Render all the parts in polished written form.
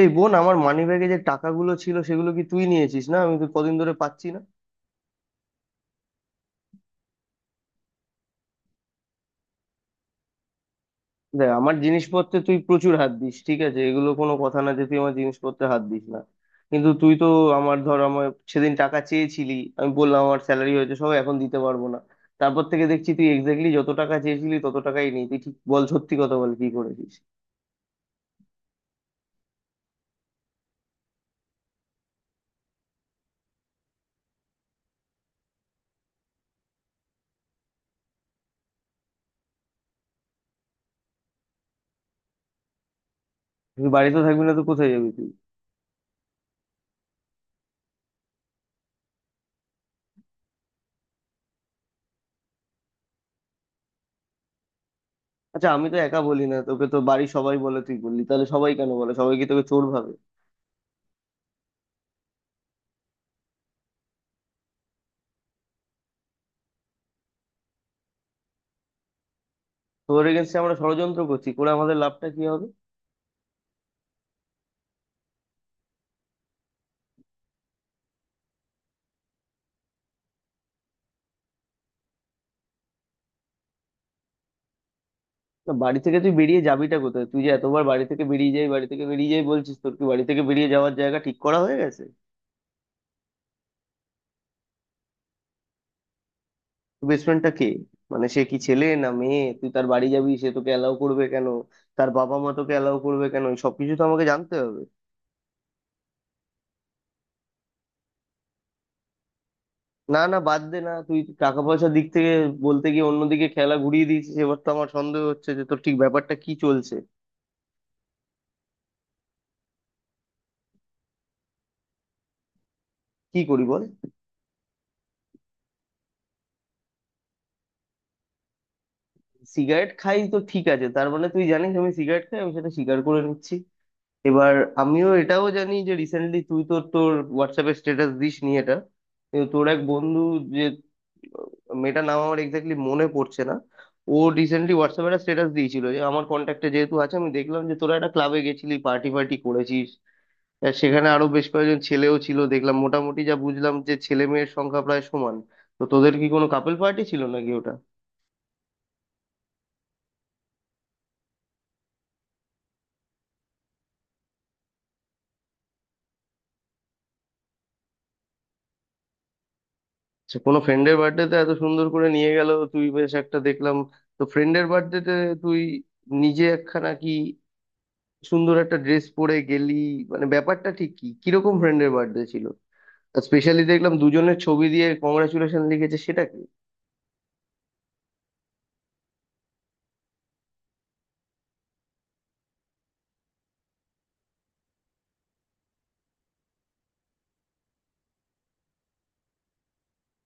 এই বোন, আমার মানিব্যাগে যে টাকাগুলো ছিল সেগুলো কি তুই নিয়েছিস? না আমি তো কদিন ধরে পাচ্ছি না। দেখ, আমার জিনিসপত্রে তুই প্রচুর হাত দিস, ঠিক আছে? এগুলো কোনো কথা না যে তুই আমার জিনিসপত্রে হাত দিস না। কিন্তু তুই তো আমার, ধর, আমার সেদিন টাকা চেয়েছিলি, আমি বললাম আমার স্যালারি হয়েছে সব এখন দিতে পারবো না। তারপর থেকে দেখছি তুই এক্স্যাক্টলি যত টাকা চেয়েছিলি তত টাকাই নেই। তুই ঠিক বল, সত্যি কথা বল, কি করেছিস? তুই বাড়িতে থাকবি না তো কোথায় যাবি তুই? আচ্ছা, আমি তো একা বলি না, তোকে তো বাড়ির সবাই বলে। তুই বললি তাহলে সবাই কেন বলে? সবাই কি তোকে চোর ভাবে? তোর এগেনস্টে আমরা ষড়যন্ত্র করছি, করে আমাদের লাভটা কি হবে? না, বাড়ি থেকে তুই বেরিয়ে যাবিটা কোথায়? তুই যে এতবার বাড়ি থেকে বেরিয়ে যাই, বাড়ি থেকে বেরিয়ে যাই বলছিস, তোর কি বাড়ি থেকে বেরিয়ে যাওয়ার জায়গা ঠিক করা হয়ে গেছে? বেসমেন্টটা কে? মানে সে কি ছেলে না মেয়ে? তুই তার বাড়ি যাবি, সে তোকে অ্যালাউ করবে কেন? তার বাবা মা তোকে অ্যালাউ করবে কেন? এই সবকিছু তো আমাকে জানতে হবে। না না, বাদ দে না। তুই টাকা পয়সার দিক থেকে বলতে গিয়ে অন্যদিকে খেলা ঘুরিয়ে দিয়েছিস। এবার তো আমার সন্দেহ হচ্ছে যে তোর ঠিক ব্যাপারটা কি চলছে। কি করি বল? সিগারেট খাই, তো ঠিক আছে। তার মানে তুই জানিস আমি সিগারেট খাই, আমি সেটা স্বীকার করে নিচ্ছি। এবার আমিও এটাও জানি যে রিসেন্টলি তুই তো তোর হোয়াটসঅ্যাপে স্ট্যাটাস দিস নি এটা, কিন্তু তোর এক বন্ধু, যে, মেয়েটার নাম আমার এক্স্যাক্টলি মনে পড়ছে না, ও রিসেন্টলি হোয়াটসঅ্যাপে একটা স্ট্যাটাস দিয়েছিল, যে আমার কন্ট্যাক্টে যেহেতু আছে আমি দেখলাম যে তোরা একটা ক্লাবে গেছিলি, পার্টি ফার্টি করেছিস। আর সেখানে আরো বেশ কয়েকজন ছেলেও ছিল দেখলাম, মোটামুটি যা বুঝলাম যে ছেলে মেয়ের সংখ্যা প্রায় সমান। তো তোদের কি কোনো কাপল পার্টি ছিল নাকি ওটা? আচ্ছা, কোনো ফ্রেন্ডের বার্থডেতে এত সুন্দর করে নিয়ে গেল, তুই বেশ একটা দেখলাম। তো ফ্রেন্ডের বার্থডেতে তুই নিজে একখানা কি সুন্দর একটা ড্রেস পরে গেলি, মানে ব্যাপারটা ঠিক কি? কিরকম ফ্রেন্ডের বার্থডে ছিল? স্পেশালি দেখলাম দুজনের ছবি দিয়ে কংগ্রাচুলেশন লিখেছে, সেটা কি?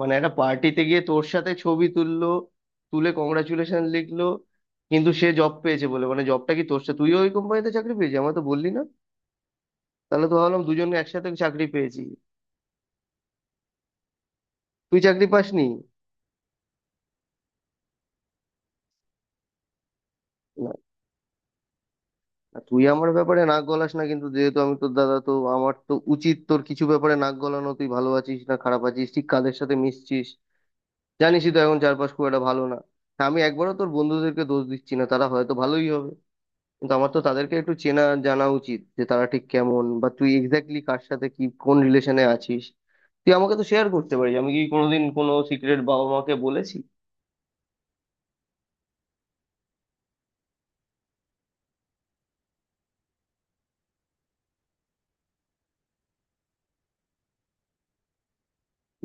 মানে একটা পার্টিতে গিয়ে তোর সাথে ছবি তুললো, তুলে কংগ্রাচুলেশন লিখলো, কিন্তু সে জব পেয়েছে বলে, মানে জবটা কি তোর সাথে তুইও ওই কোম্পানিতে চাকরি পেয়েছিস? আমার তো বললি না। তাহলে তো ভাবলাম দুজনে একসাথে চাকরি পেয়েছি। তুই চাকরি পাসনি? আর তুই আমার ব্যাপারে নাক গলাস না, কিন্তু যেহেতু আমি তোর দাদা, তো আমার তো উচিত তোর কিছু ব্যাপারে নাক গলানো। তুই ভালো আছিস না খারাপ আছিস, ঠিক কাদের সাথে মিশছিস, জানিসই তো এখন চারপাশ খুব একটা ভালো না। হ্যাঁ, আমি একবারও তোর বন্ধুদেরকে দোষ দিচ্ছি না, তারা হয়তো ভালোই হবে, কিন্তু আমার তো তাদেরকে একটু চেনা জানা উচিত, যে তারা ঠিক কেমন, বা তুই এক্স্যাক্টলি কার সাথে কি কোন রিলেশনে আছিস। তুই আমাকে তো শেয়ার করতে পারিস। আমি কি কোনোদিন কোনো সিক্রেট বাবা মাকে বলেছি?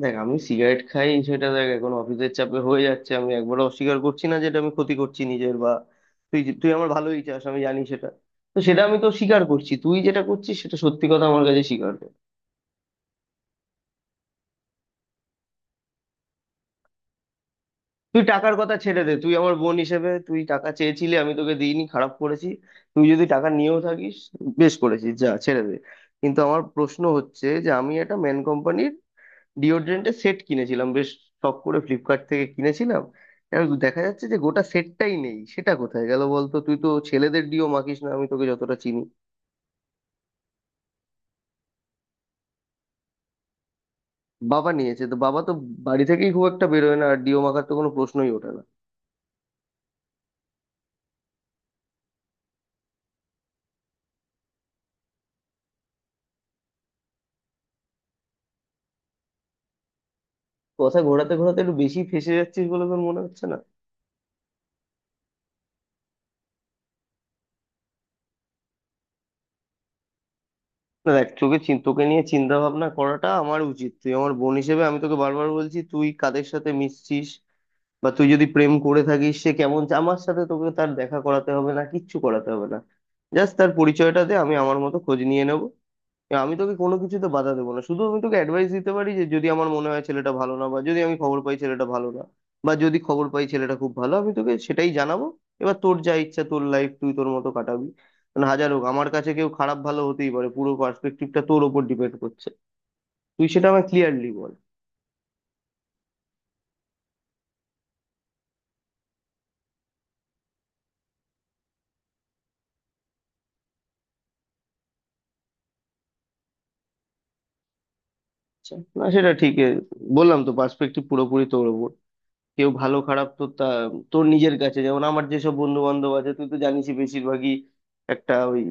দেখ, আমি সিগারেট খাই সেটা, দেখ এখন অফিসের চাপে হয়ে যাচ্ছে, আমি একবারও অস্বীকার করছি না, যেটা আমি ক্ষতি করছি নিজের, বা তুই আমার ভালোই চাস আমি জানি সেটা। তো সেটা আমি তো স্বীকার করছি, তুই যেটা করছিস সেটা সত্যি কথা আমার কাছে স্বীকার কর। তুই টাকার কথা ছেড়ে দে, তুই আমার বোন হিসেবে তুই টাকা চেয়েছিলি আমি তোকে দিইনি, খারাপ করেছি। তুই যদি টাকা নিয়েও থাকিস বেশ করেছিস, যা ছেড়ে দে। কিন্তু আমার প্রশ্ন হচ্ছে যে আমি একটা মেন কোম্পানির ডিওড্রেন্টের সেট কিনেছিলাম, বেশ শখ করে ফ্লিপকার্ট থেকে কিনেছিলাম। এবার দেখা যাচ্ছে যে গোটা সেটটাই নেই, সেটা কোথায় গেল বলতো? তুই তো ছেলেদের ডিও মাখিস না, আমি তোকে যতটা চিনি। বাবা নিয়েছে? তো বাবা তো বাড়ি থেকেই খুব একটা বেরোয় না, আর ডিও মাখার তো কোনো প্রশ্নই ওঠে না। কথা ঘোরাতে ঘোরাতে একটু বেশি ফেঁসে যাচ্ছিস বলে তোর মনে হচ্ছে না? না দেখ, তোকে নিয়ে চিন্তা ভাবনা করাটা আমার উচিত, তুই আমার বোন হিসেবে। আমি তোকে বারবার বলছি তুই কাদের সাথে মিশছিস, বা তুই যদি প্রেম করে থাকিস সে কেমন আমার সাথে তোকে তার দেখা করাতে হবে না, কিচ্ছু করাতে হবে না, জাস্ট তার পরিচয়টা দে, আমি আমার মতো খোঁজ নিয়ে নেবো। এবার আমি তোকে কোনো কিছুতে বাধা দেবো না, শুধু আমি তোকে অ্যাডভাইস দিতে পারি যে যদি আমার মনে হয় ছেলেটা ভালো না, বা যদি আমি খবর পাই ছেলেটা ভালো না, বা যদি খবর পাই ছেলেটা খুব ভালো, আমি তোকে সেটাই জানাবো। এবার তোর যা ইচ্ছা, তোর লাইফ তুই তোর মতো কাটাবি। মানে হাজার হোক, আমার কাছে কেউ খারাপ ভালো হতেই পারে, পুরো পার্সপেক্টিভটা তোর ওপর ডিপেন্ড করছে। তুই সেটা আমায় ক্লিয়ারলি বল। আচ্ছা, না সেটা ঠিক বললাম তো, পার্সপেক্টিভ পুরোপুরি তোর ওপর। কেউ ভালো খারাপ তো তা তোর নিজের কাছে, যেমন আমার যেসব বন্ধু বান্ধব আছে তুই তো জানিসই, বেশিরভাগই একটা ওই,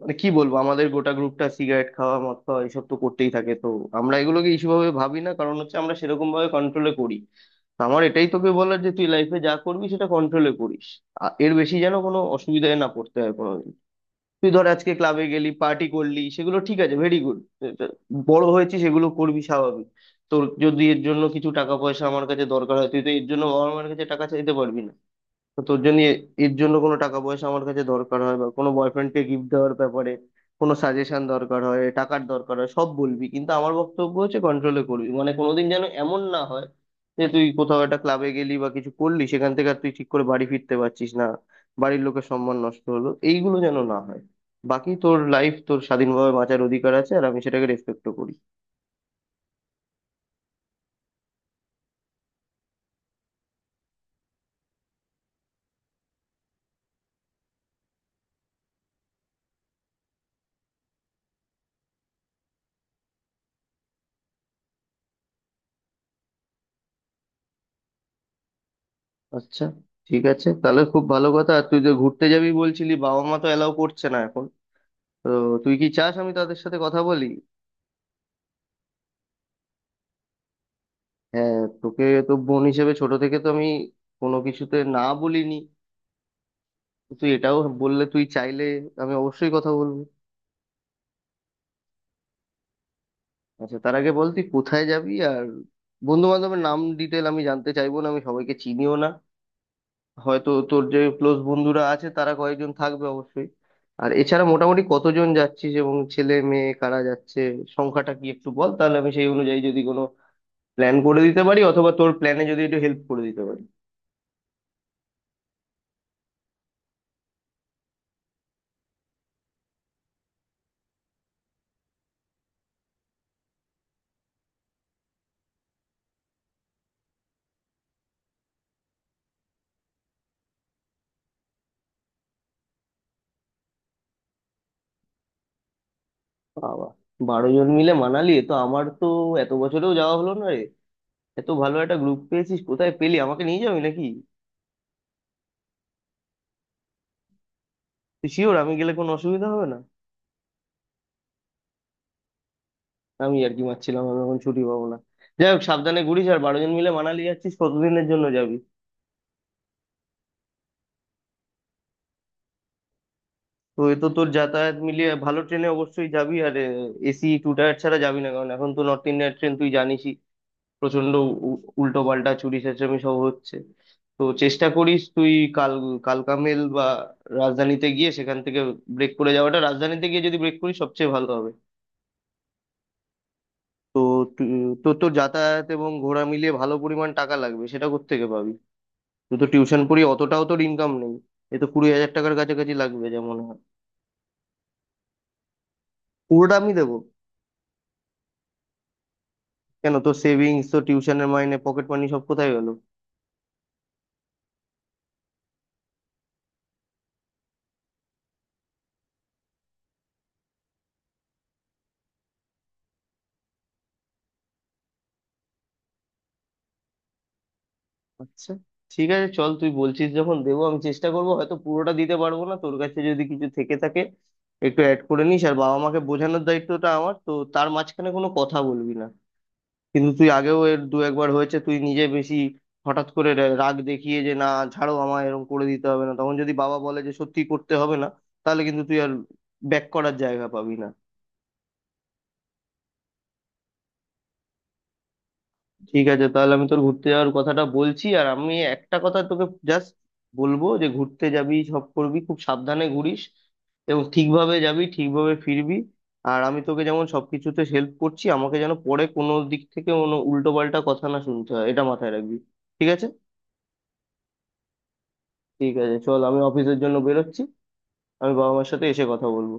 মানে কি বলবো, আমাদের গোটা গ্রুপটা সিগারেট খাওয়া মদ খাওয়া এসব তো করতেই থাকে, তো আমরা এগুলোকে ইস্যু ভাবে ভাবি না, কারণ হচ্ছে আমরা সেরকম ভাবে কন্ট্রোলে করি। তো আমার এটাই তোকে বলার, যে তুই লাইফে যা করবি সেটা কন্ট্রোলে করিস। এর বেশি যেন কোনো অসুবিধায় না পড়তে হয় কোনো। তুই ধর আজকে ক্লাবে গেলি, পার্টি করলি, সেগুলো ঠিক আছে, ভেরি গুড। বড় হয়েছিস, সেগুলো করবি, স্বাভাবিক। তোর যদি এর জন্য কিছু টাকা পয়সা আমার কাছে দরকার হয়, তুই তো এর জন্য বাবা মার কাছে টাকা চাইতে পারবি না। তো তোর জন্য এর জন্য কোনো টাকা পয়সা আমার কাছে দরকার হয়, বা কোনো বয়ফ্রেন্ডকে গিফট দেওয়ার ব্যাপারে কোনো সাজেশন দরকার হয়, টাকার দরকার হয়, সব বলবি। কিন্তু আমার বক্তব্য হচ্ছে কন্ট্রোলে করবি, মানে কোনোদিন যেন এমন না হয় যে তুই কোথাও একটা ক্লাবে গেলি বা কিছু করলি, সেখান থেকে আর তুই ঠিক করে বাড়ি ফিরতে পারছিস না, বাড়ির লোকের সম্মান নষ্ট হলো, এইগুলো যেন না হয়। বাকি তোর লাইফ, তোর স্বাধীনভাবে বাঁচার অধিকার আছে, আর আমি সেটাকে রেসপেক্টও করি। আচ্ছা, ঠিক আছে, তাহলে খুব ভালো কথা। আর তুই যে ঘুরতে যাবি বলছিলি, বাবা মা তো এলাও করছে না এখন। তো তুই কি চাস আমি তাদের সাথে কথা বলি? হ্যাঁ, তোকে তো বোন হিসেবে ছোট থেকে তো আমি কোনো কিছুতে না বলিনি। তুই এটাও বললে, তুই চাইলে আমি অবশ্যই কথা বলবো। আচ্ছা, তার আগে বল তুই কোথায় যাবি আর বন্ধু বান্ধবের নাম ডিটেল আমি জানতে চাইবো না, আমি সবাইকে চিনিও না, হয়তো তোর যে ক্লোজ বন্ধুরা আছে তারা কয়েকজন থাকবে অবশ্যই। আর এছাড়া মোটামুটি কতজন যাচ্ছিস এবং ছেলে মেয়ে কারা যাচ্ছে, সংখ্যাটা কি একটু বল, তাহলে আমি সেই অনুযায়ী যদি কোনো প্ল্যান করে দিতে পারি, অথবা তোর প্ল্যানে যদি একটু হেল্প করে দিতে পারি। বাবা, 12 জন মিলে মানালি! এ তো আমার তো এত বছরেও যাওয়া হলো না রে। এত ভালো একটা গ্রুপ পেয়েছিস, কোথায় পেলি? আমাকে নিয়ে যাবি নাকি? তুই শিওর আমি গেলে কোনো অসুবিধা হবে না? আমি আর কি মারছিলাম, আমি এখন ছুটি পাবো না। যাই হোক, সাবধানে ঘুরিস। আর 12 জন মিলে মানালি যাচ্ছিস, কতদিনের জন্য যাবি? তো এ তো তোর যাতায়াত মিলিয়ে ভালো ট্রেনে অবশ্যই যাবি, আর এসি টু টায়ার ছাড়া যাবি না, কারণ এখন তো নর্থ ইন্ডিয়ান ট্রেন তুই জানিসই প্রচন্ড উল্টো পাল্টা চুরি চেঁচামি সব হচ্ছে। তো চেষ্টা করিস তুই কাল কালকামেল বা রাজধানীতে গিয়ে সেখান থেকে ব্রেক করে যাওয়াটা, রাজধানীতে গিয়ে যদি ব্রেক করিস সবচেয়ে ভালো হবে। তো তু- তোর তো যাতায়াত এবং ঘোরা মিলিয়ে ভালো পরিমাণ টাকা লাগবে, সেটা কোত্থেকে পাবি? তুই তো টিউশন পড়ি, অতটাও তোর ইনকাম নেই। এ তো 20,000 টাকার কাছাকাছি লাগবে যেমন হয়। পুরোটা আমি দেবো? কেন, তোর সেভিংস তো, টিউশনের মাইনে, পকেট মানি, সব কোথায় গেল? আচ্ছা, ঠিক আছে, চল, তুই বলছিস যখন দেবো। আমি চেষ্টা করবো, হয়তো পুরোটা দিতে পারবো না, তোর কাছে যদি কিছু থেকে থাকে একটু অ্যাড করে নিস। আর বাবা মাকে বোঝানোর দায়িত্বটা আমার, তো তার মাঝখানে কোনো কথা বলবি না। কিন্তু তুই আগেও এর দু একবার হয়েছে তুই নিজে বেশি হঠাৎ করে রাগ দেখিয়ে যে না, ছাড়ো আমায়, এরকম করে দিতে হবে না, তখন যদি বাবা বলে যে সত্যি করতে হবে না, তাহলে কিন্তু তুই আর ব্যাক করার জায়গা পাবি না। ঠিক আছে, তাহলে আমি তোর ঘুরতে যাওয়ার কথাটা বলছি। আর আমি একটা কথা তোকে জাস্ট বলবো, যে ঘুরতে যাবি, সব করবি, খুব সাবধানে ঘুরিস, এবং ঠিকভাবে যাবি ঠিকভাবে ফিরবি। আর আমি তোকে যেমন সবকিছুতে হেল্প করছি, আমাকে যেন পরে কোনো দিক থেকে কোনো উল্টো পাল্টা কথা না শুনতে হয়, এটা মাথায় রাখবি। ঠিক আছে? ঠিক আছে চল, আমি অফিসের জন্য বেরোচ্ছি। আমি বাবা মার সাথে এসে কথা বলবো।